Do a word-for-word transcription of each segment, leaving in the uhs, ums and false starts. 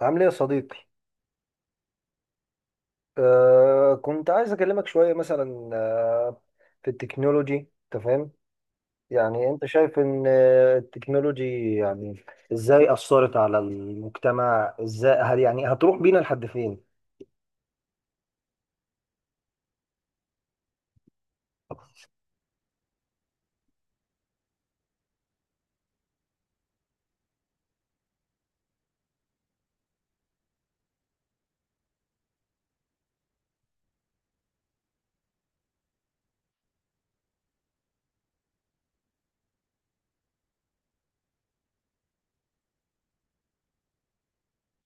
عامل ايه يا صديقي؟ آه كنت عايز اكلمك شويه مثلا آه في التكنولوجي انت فاهم. يعني انت شايف ان آه، التكنولوجي يعني ازاي اثرت على المجتمع، ازاي هل يعني هتروح بينا لحد فين؟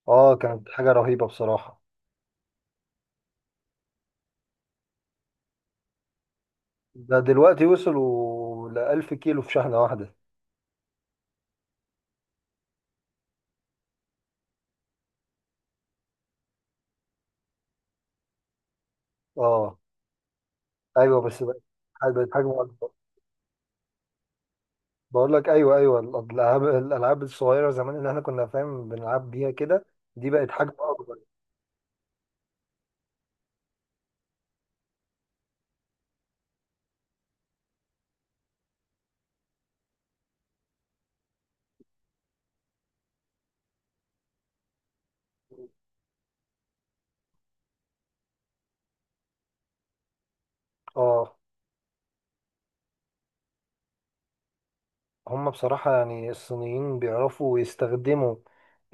اه، كانت حاجه رهيبه بصراحه. ده دلوقتي وصلوا ل ألف كيلو في شحنه واحده. اه، ايوه بس بقت بقت حجمه اكبر. بقول لك ايوه، ايوه الالعاب الالعاب الصغيره زمان اللي احنا كنا فاهم بنلعب بيها كده. دي بقت حجم اكبر. اه، هم بصراحة يعني الصينيين بيعرفوا يستخدموا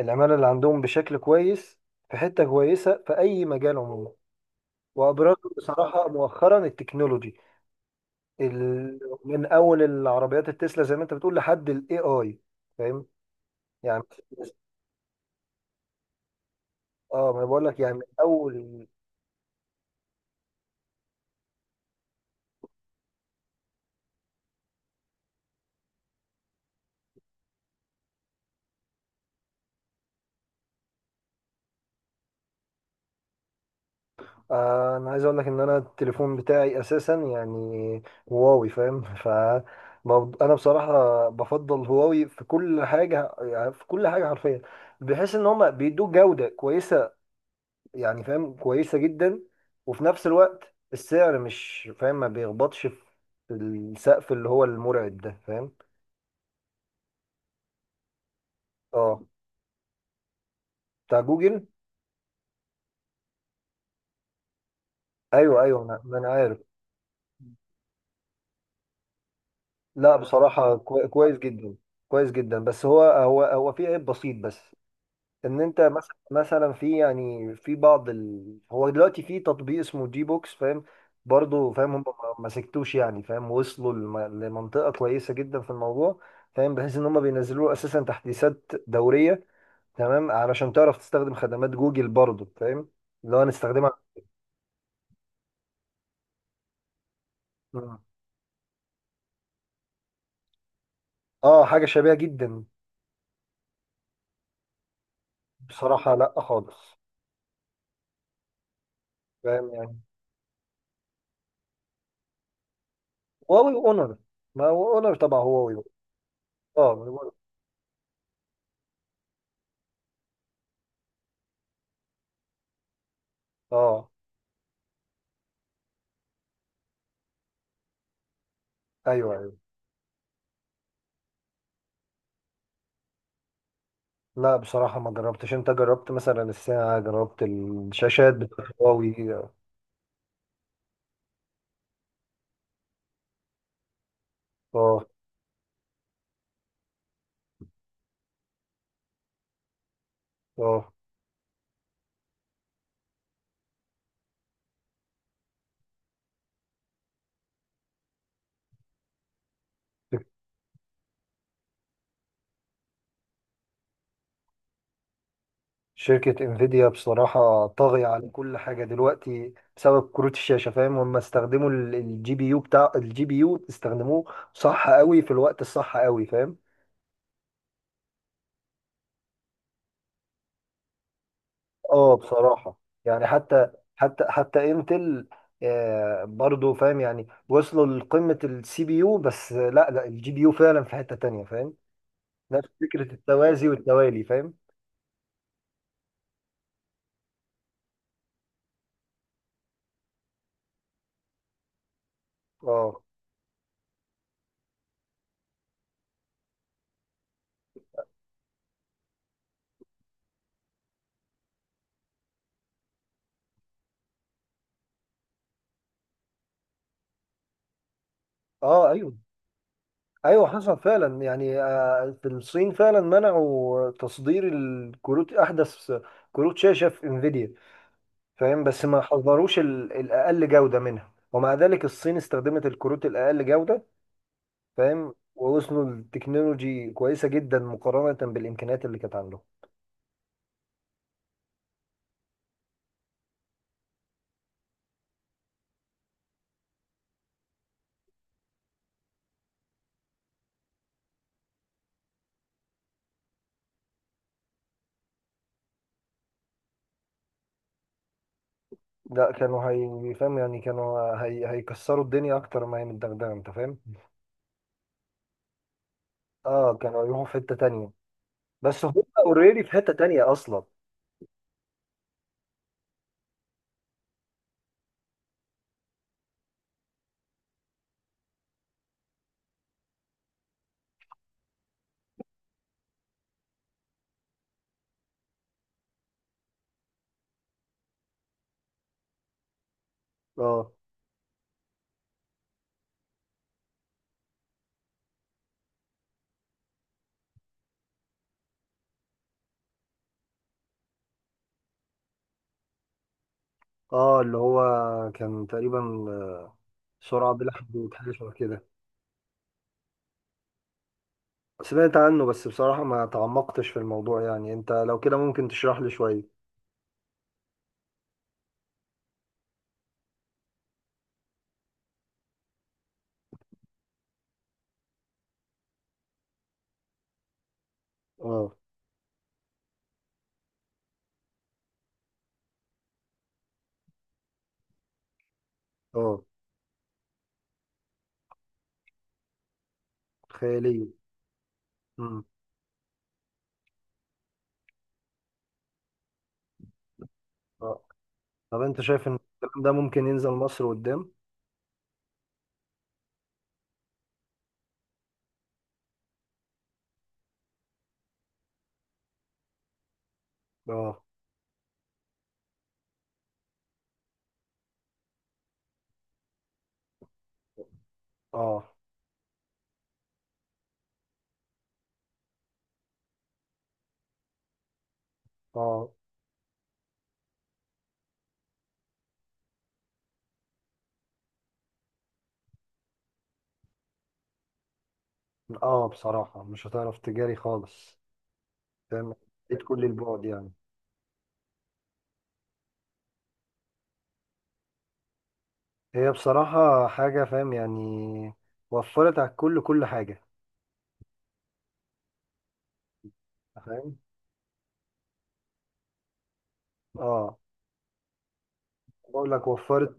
العمالة اللي عندهم بشكل كويس في حتة كويسة في أي مجال عموما. وأبرزوا بصراحة مؤخرا التكنولوجي ال... من أول العربيات التسلا زي ما أنت بتقول لحد ال إيه آي. فاهم يعني. اه، ما أنا بقول لك يعني من أول. آه، انا عايز اقول لك ان انا التليفون بتاعي اساسا يعني هواوي فاهم ف برض- انا بصراحه بفضل هواوي في كل حاجه، يعني في كل حاجه حرفيا، بحيث ان هم بيدوك جوده كويسه، يعني فاهم، كويسه جدا. وفي نفس الوقت السعر مش فاهم، ما بيخبطش في السقف اللي هو المرعب ده، فاهم. اه، بتاع جوجل. ايوه، ايوه، ما ما انا عارف. لا بصراحه كوي- كويس جدا، كويس جدا. بس هو هو هو في عيب بسيط بس. ان انت مثلا مثلا في يعني في بعض ال... هو دلوقتي في تطبيق اسمه جي بوكس فاهم. برضه فاهم، هم ما ما سكتوش يعني فاهم، وصلوا لم... لمنطقة كويسة جدا في الموضوع. فاهم بحيث ان هم بينزلوا له اساسا تحديثات دورية. تمام علشان تعرف تستخدم خدمات جوجل برضه، فاهم، اللي هو نستخدمها. مم. اه، حاجة شبيهة جدا. بصراحة لا خالص. فاهم يعني. هواوي اونر. ما هو اونر طبعا هواوي. اه. اه، ايوه، ايوه، لا بصراحة ما جربتش. انت جربت مثلا الساعة؟ جربت الشاشات بتاعت هواوي. اه. اه، شركة انفيديا بصراحة طاغية على كل حاجة دلوقتي بسبب كروت الشاشة، فاهم. هم استخدموا الجي بي يو، بتاع الجي بي يو استخدموه صح قوي، في الوقت الصح قوي فاهم. اه بصراحة، يعني حتى حتى حتى انتل آه برضو فاهم، يعني وصلوا لقمة السي بي يو. بس لا، لا الجي بي يو فعلا في حتة تانية فاهم. نفس فكرة التوازي والتوالي فاهم. اه. اه، ايوه، ايوه حصل فعلا. يعني آه، في الصين فعلا منعوا تصدير الكروت، احدث كروت شاشه في انفيديا، فاهم. بس ما حضروش ال- الاقل جوده منها، ومع ذلك الصين استخدمت الكروت الاقل جوده فاهم. ووصلوا لتكنولوجي كويسه جدا مقارنه بالامكانيات اللي كانت عندهم. لا كانوا، هي فاهم يعني كانوا هي... هيكسروا الدنيا اكتر ما هي متدغدغه انت فاهم. اه، كانوا هيروحوا في حته تانيه. بس هم اوريدي في حته تانيه اصلا. اه، اه اللي هو كان تقريبا سرعة بلا حدود، حاجة شبه كده. سمعت عنه بس بصراحة ما تعمقتش في الموضوع، يعني انت لو كده ممكن تشرح لي شوية. اه، اه، خيالية. امم. اه، طب انت شايف ان الكلام ده ممكن ينزل مصر قدام؟ اه، اه، اه، اه، بصراحة مش هتعرف تجاري خالص فاهم. بعيد كل البعد يعني. هي بصراحة حاجة فاهم يعني وفرت على الكل كل حاجة. فاهم. اه، بقول لك وفرت،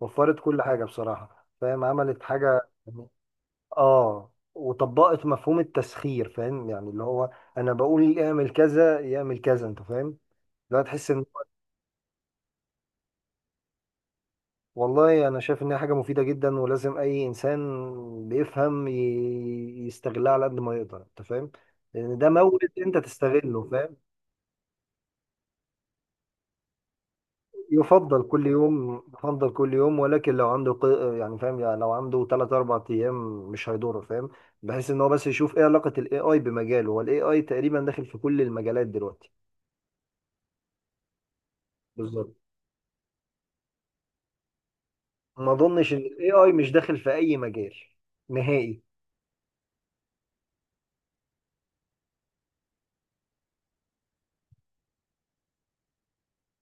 وفرت كل حاجة بصراحة فاهم، عملت حاجة يعني. اه، وطبقت مفهوم التسخير، فاهم يعني، اللي هو انا بقول يعمل كذا يعمل كذا انت فاهم. لا تحس ان، والله انا شايف انها حاجة مفيدة جدا، ولازم اي انسان بيفهم ي- يستغلها على قد ما يقدر انت فاهم. لان ده مورد انت تستغله فاهم؟ يفضل كل يوم، يفضل كل يوم. ولكن لو عنده ق- يعني فاهم، يعني لو عنده تلات اربعة ايام مش هيضره فاهم. بحيث ان هو بس يشوف ايه علاقة الاي اي بمجاله. هو الاي اي تقريبا داخل في كل المجالات دلوقتي. بالظبط. ما اظنش ان الاي اي مش داخل في اي مجال نهائي.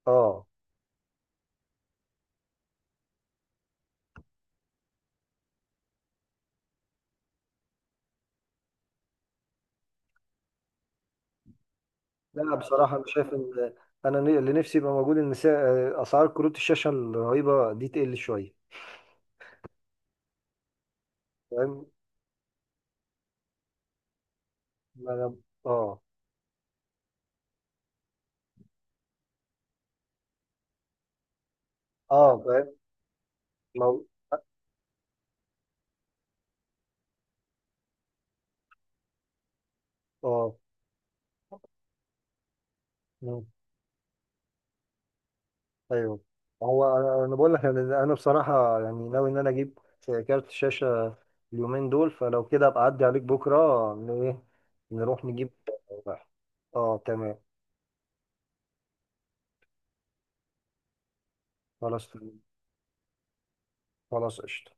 اه. لا بصراحة انا شايف ان انا ن- اللي نفسي يبقى موجود ان سعر- اسعار كروت الشاشة الرهيبة دي تقل شوية. فاهم. انا. اه. اه، فاهم. مو- اه، ايوه. هو انا أنا بقول لك انا أنا بصراحه يعني ناوي ان انا اجيب كارت شاشه اليومين دول. فلو كده ابقى اعدي عليك بكره، ن- ايه نروح نجيب واحد. اه تمام. خلاص تمام. خلاص قشطه.